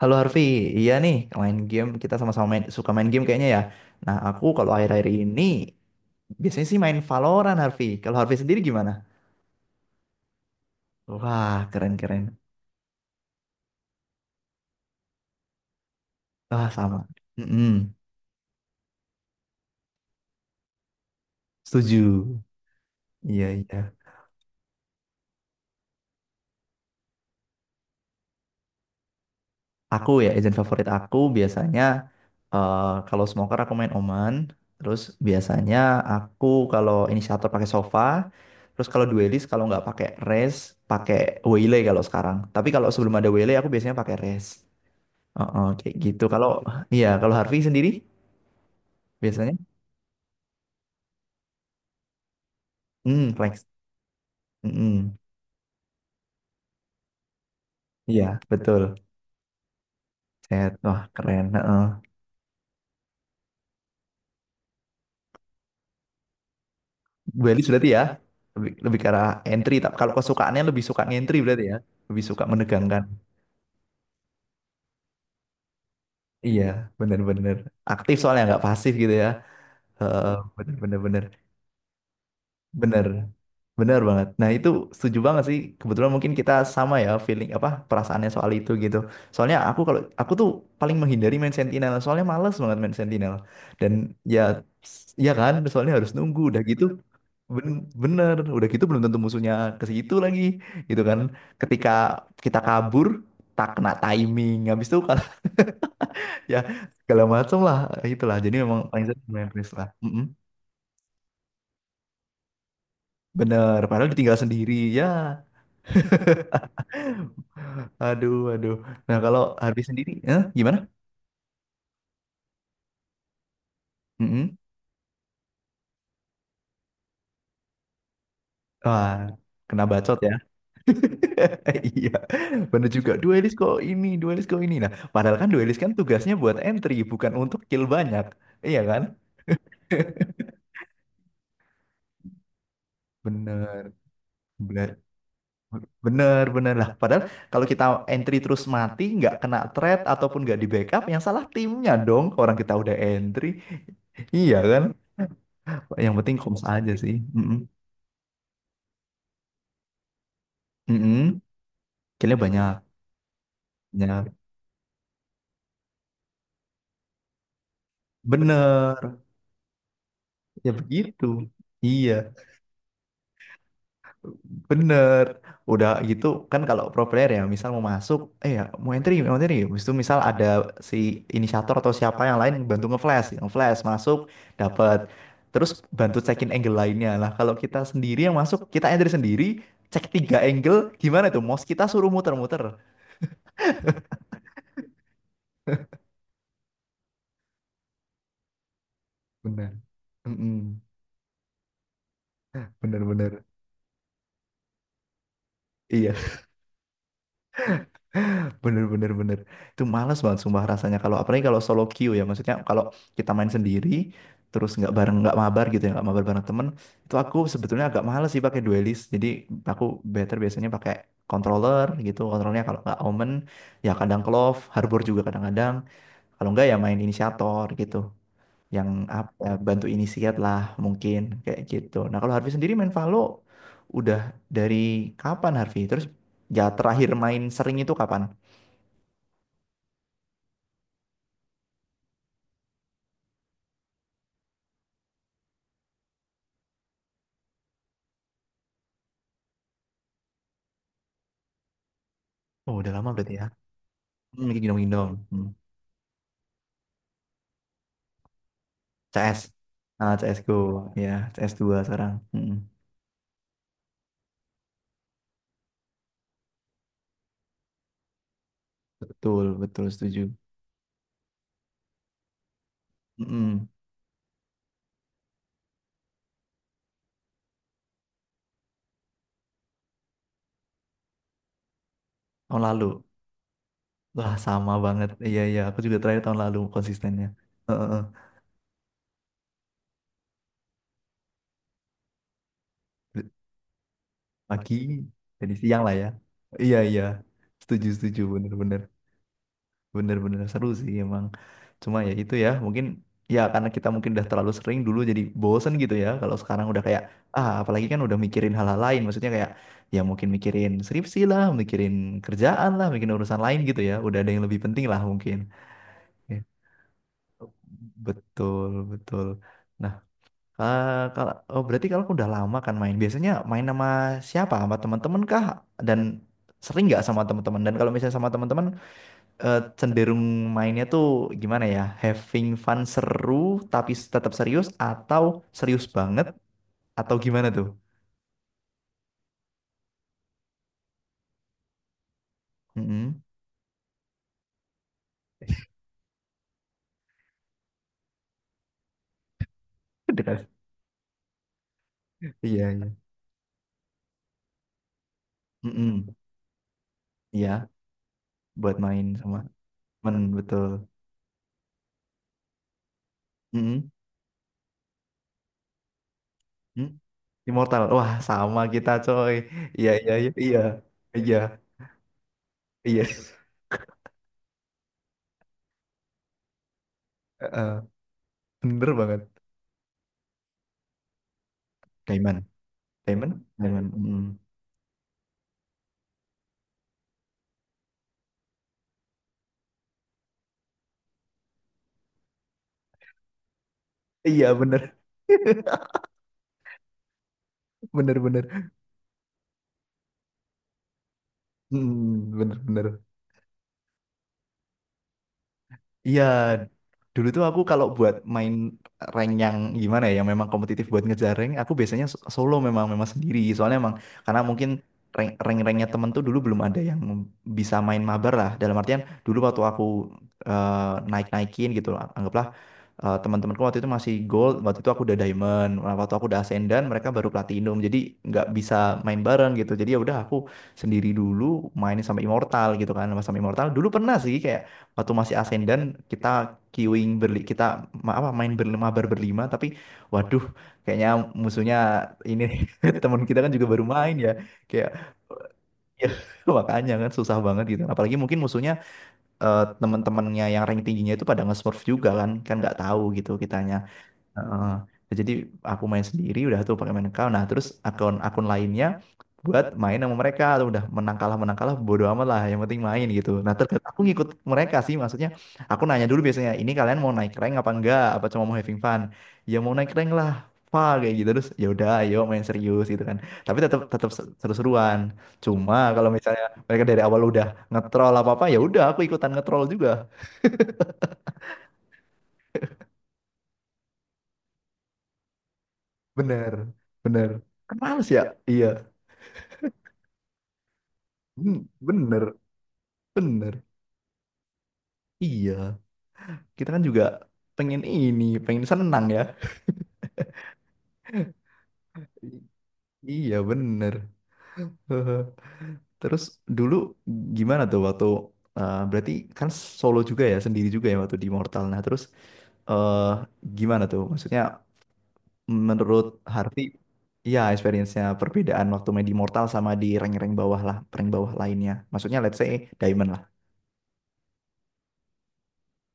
Halo Harvey, iya nih main game kita sama-sama main, suka main game kayaknya ya. Nah aku kalau akhir-akhir ini biasanya sih main Valorant Harvey. Kalau Harvey sendiri gimana? Wah keren-keren. Wah sama. Mm-mm, setuju. Iya iya. Aku ya agent favorit aku biasanya eh, kalau smoker aku main Omen. Terus biasanya aku kalau inisiator pakai Sova. Terus kalau duelis kalau nggak pakai Raze pakai Waylay kalau sekarang. Tapi kalau sebelum ada Waylay aku biasanya pakai Raze. Oh, oh, kayak gitu. Kalau iya, kalau Harvey sendiri biasanya, hmm, flex. Mm-mm. Iya, betul. Set, wah keren. Heeh. Duelist berarti ya, lebih ke arah entry. Tapi kalau kesukaannya lebih suka entry berarti ya, lebih suka menegangkan. Iya, bener-bener aktif soalnya nggak pasif gitu ya. Heeh, bener-bener. Bener, bener banget. Nah itu setuju banget sih. Kebetulan mungkin kita sama ya feeling apa perasaannya soal itu gitu. Soalnya aku kalau aku tuh paling menghindari main Sentinel. Soalnya males banget main Sentinel. Dan ya, ya kan. Soalnya harus nunggu. Udah gitu, ben bener. Udah gitu belum tentu musuhnya ke situ lagi, gitu kan. Ketika kita kabur, tak kena timing. Habis itu kalau ya segala macam lah itulah. Jadi memang paling sering main Risk lah. Mm-mm. Bener. Padahal ditinggal sendiri ya. Aduh, aduh. Nah, kalau Harvey sendiri, gimana? Mm-mm. Wah, kena bacot ya. Iya, bener juga. Duelis kok ini, duelis kok ini. Nah, padahal kan duelis kan tugasnya buat entry, bukan untuk kill banyak. Iya kan? Bener, bener, bener, bener lah. Padahal kalau kita entry terus mati, nggak kena threat ataupun nggak di backup, yang salah timnya dong. Orang kita udah entry, iya kan? Yang penting comms aja sih. Mm-mm. Mm-mm. Killnya banyak. Ya, bener. Ya begitu. Iya, bener. Udah gitu kan kalau pro player ya, misal mau masuk, ya mau entry, mau entry. Habis itu misal ada si inisiator atau siapa yang lain yang bantu nge-flash, nge-flash masuk dapat. Terus bantu cekin angle lainnya. Lah kalau kita sendiri yang masuk, kita entry sendiri, cek tiga angle, gimana tuh? Mouse kita suruh muter-muter. Bener. Mm-mm. Bener-bener. Iya. Bener bener bener. Itu malas banget sumpah rasanya kalau apalagi kalau solo queue ya maksudnya kalau kita main sendiri terus nggak bareng nggak mabar gitu ya nggak mabar bareng temen itu aku sebetulnya agak males sih pakai duelist jadi aku better biasanya pakai controller gitu kontrolnya kalau nggak Omen ya kadang Clove Harbor juga kadang-kadang kalau nggak ya main inisiator gitu yang apa ya, bantu inisiat lah mungkin kayak gitu nah kalau Harvey sendiri main Valo udah dari kapan Harvey terus ya terakhir main sering itu kapan. Oh, udah lama berarti ya. Hmm, lagi gendong-gendong. Hmm. CS. Ah, CSGO. Ya, cs dua sekarang. Mm-mm. Betul, betul setuju. Mm-mm. Tahun lalu. Wah, sama banget. Iya, iya. Aku juga terakhir tahun lalu konsistennya. Heeh, heeh. Pagi, jadi siang lah ya. Iya, iya. Setuju, setuju. Bener-bener. Bener-bener seru sih emang. Cuma ya itu ya, mungkin ya karena kita mungkin udah terlalu sering dulu jadi bosen gitu ya. Kalau sekarang udah kayak ah apalagi kan udah mikirin hal-hal lain. Maksudnya kayak ya mungkin mikirin skripsi lah, mikirin kerjaan lah, mikirin urusan lain gitu ya. Udah ada yang lebih penting lah mungkin. Ya, Betul, betul. Nah, kalau oh, berarti kalau udah lama kan main, biasanya main sama siapa? Sama teman-teman kah? Dan sering nggak sama teman-teman? Dan kalau misalnya sama teman-teman cenderung mainnya tuh gimana ya? Having fun seru tapi tetap serius atau serius banget atau gimana tuh? Mm-mm. Dekat. Iya, iya. Mm-mm. Iya, buat main sama temen betul. Mm-mm. Mm. Immortal. Wah, sama kita coy. Iya, iya, iya. Iya. Iya. Iya. Heeh. Bener banget. Diamond. Diamond. Diamond. Mm. Iya, bener. Bener-bener. Mm, bener-bener. Iya, dulu tuh aku kalau buat main rank yang gimana ya, yang memang kompetitif buat ngejar rank, aku biasanya solo memang memang sendiri. Soalnya emang karena mungkin rank rank ranknya temen tuh dulu belum ada yang bisa main mabar lah. Dalam artian dulu waktu aku naik naikin gitu, anggaplah teman-temanku waktu itu masih gold, waktu itu aku udah diamond. Nah, waktu aku udah ascendant, mereka baru platinum. Jadi nggak bisa main bareng gitu. Jadi ya udah aku sendiri dulu main sampai immortal gitu kan, sama immortal. Dulu pernah sih kayak waktu masih asenden kita queuing berli kita apa main berlima mabar berlima tapi waduh kayaknya musuhnya ini teman kita kan juga baru main ya kayak ya makanya kan susah banget gitu apalagi mungkin musuhnya teman-temannya yang rank tingginya itu pada nge-smurf juga kan kan nggak tahu gitu kitanya. Heeh. Nah, jadi aku main sendiri udah tuh pakai main account. Nah, terus akun-akun lainnya buat main sama mereka atau udah menang kalah bodo amat lah yang penting main gitu. Nah, terkadang aku ngikut mereka sih maksudnya aku nanya dulu biasanya ini kalian mau naik rank apa enggak apa cuma mau having fun? Ya mau naik rank lah. Pak kayak gitu terus ya udah ayo main serius gitu kan. Tapi tetap tetap seru-seruan. Cuma kalau misalnya mereka dari awal udah ngetrol apa-apa ya udah aku ikutan ngetrol juga. Bener. Bener. Kan males ya? Iya. Hmm, bener. Bener. Iya. Kita kan juga pengen ini, pengen senang ya. I- Iya, bener. Hehe. Terus dulu gimana tuh waktu berarti kan solo juga ya, sendiri juga ya waktu di Mortal. Nah, terus eh gimana tuh? Maksudnya menurut Harvey, iya experience-nya perbedaan waktu main di Mortal sama di rank-rank bawah lah, rank bawah lainnya. Maksudnya let's say Diamond lah.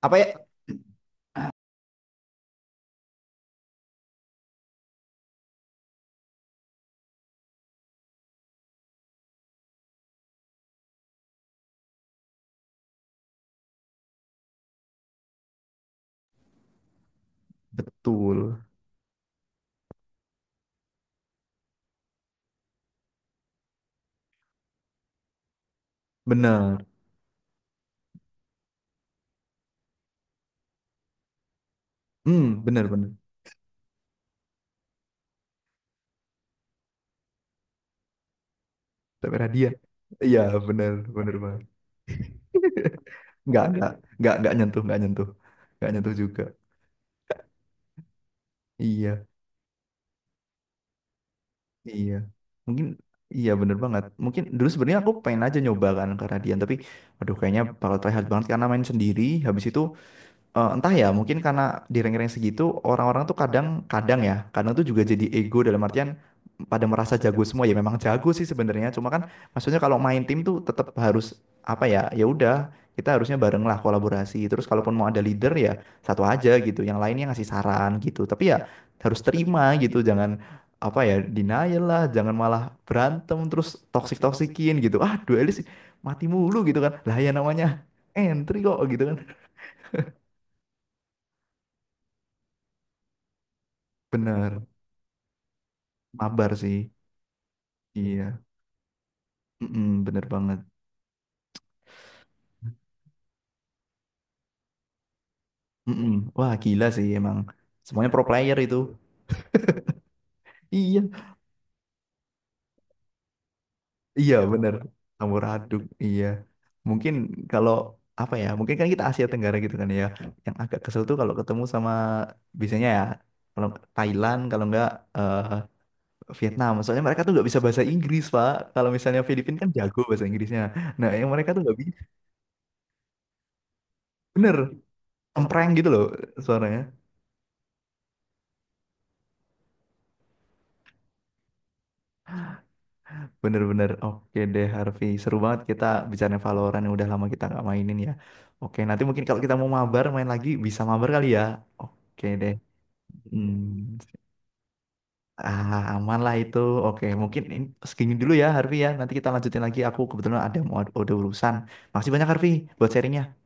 Apa ya? Betul. Bener. Hmm, bener bener. Sampai hadiah. Iya, bener bener banget. nggak nggak nggak nyentuh nggak nyentuh nggak nyentuh juga iya iya mungkin iya bener banget mungkin dulu sebenarnya aku pengen aja nyoba kan karena Dian tapi aduh kayaknya bakal try hard banget karena main sendiri habis itu entah ya, mungkin karena di rank-rank segitu orang-orang tuh kadang-kadang ya, kadang tuh juga jadi ego dalam artian pada merasa jago semua ya memang jago sih sebenarnya. Cuma kan maksudnya kalau main tim tuh tetap harus apa ya? Ya udah, kita harusnya bareng lah kolaborasi. Terus kalaupun mau ada leader ya satu aja gitu, yang lainnya ngasih saran gitu. Tapi ya harus terima gitu, jangan apa ya denial lah, jangan malah berantem terus toksik-toksikin gitu. Ah, duelis mati mulu gitu kan. Lah ya namanya entry kok gitu kan. Bener. Mabar sih. Iya. Mm-mm, bener banget. Mm-mm. Wah, gila sih emang. Semuanya pro player itu. Iya. Iya, bener. Campur aduk. Iya. Mungkin kalau apa ya? Mungkin kan kita Asia Tenggara gitu kan ya. Yang agak kesel tuh kalau ketemu sama biasanya ya kalau Thailand, kalau enggak eh, Vietnam. Soalnya mereka tuh nggak bisa bahasa Inggris, Pak. Kalau misalnya Filipina kan jago bahasa Inggrisnya. Nah, yang mereka tuh nggak bisa. Bener, empreng gitu loh suaranya. Bener-bener oke deh Harvey seru banget kita bicara Valorant yang udah lama kita nggak mainin ya oke nanti mungkin kalau kita mau mabar main lagi bisa mabar kali ya oke deh hmm. Ah aman lah itu oke mungkin ini segini dulu ya Harvey ya nanti kita lanjutin lagi aku kebetulan ada mau ada urusan makasih banyak Harvey buat sharingnya.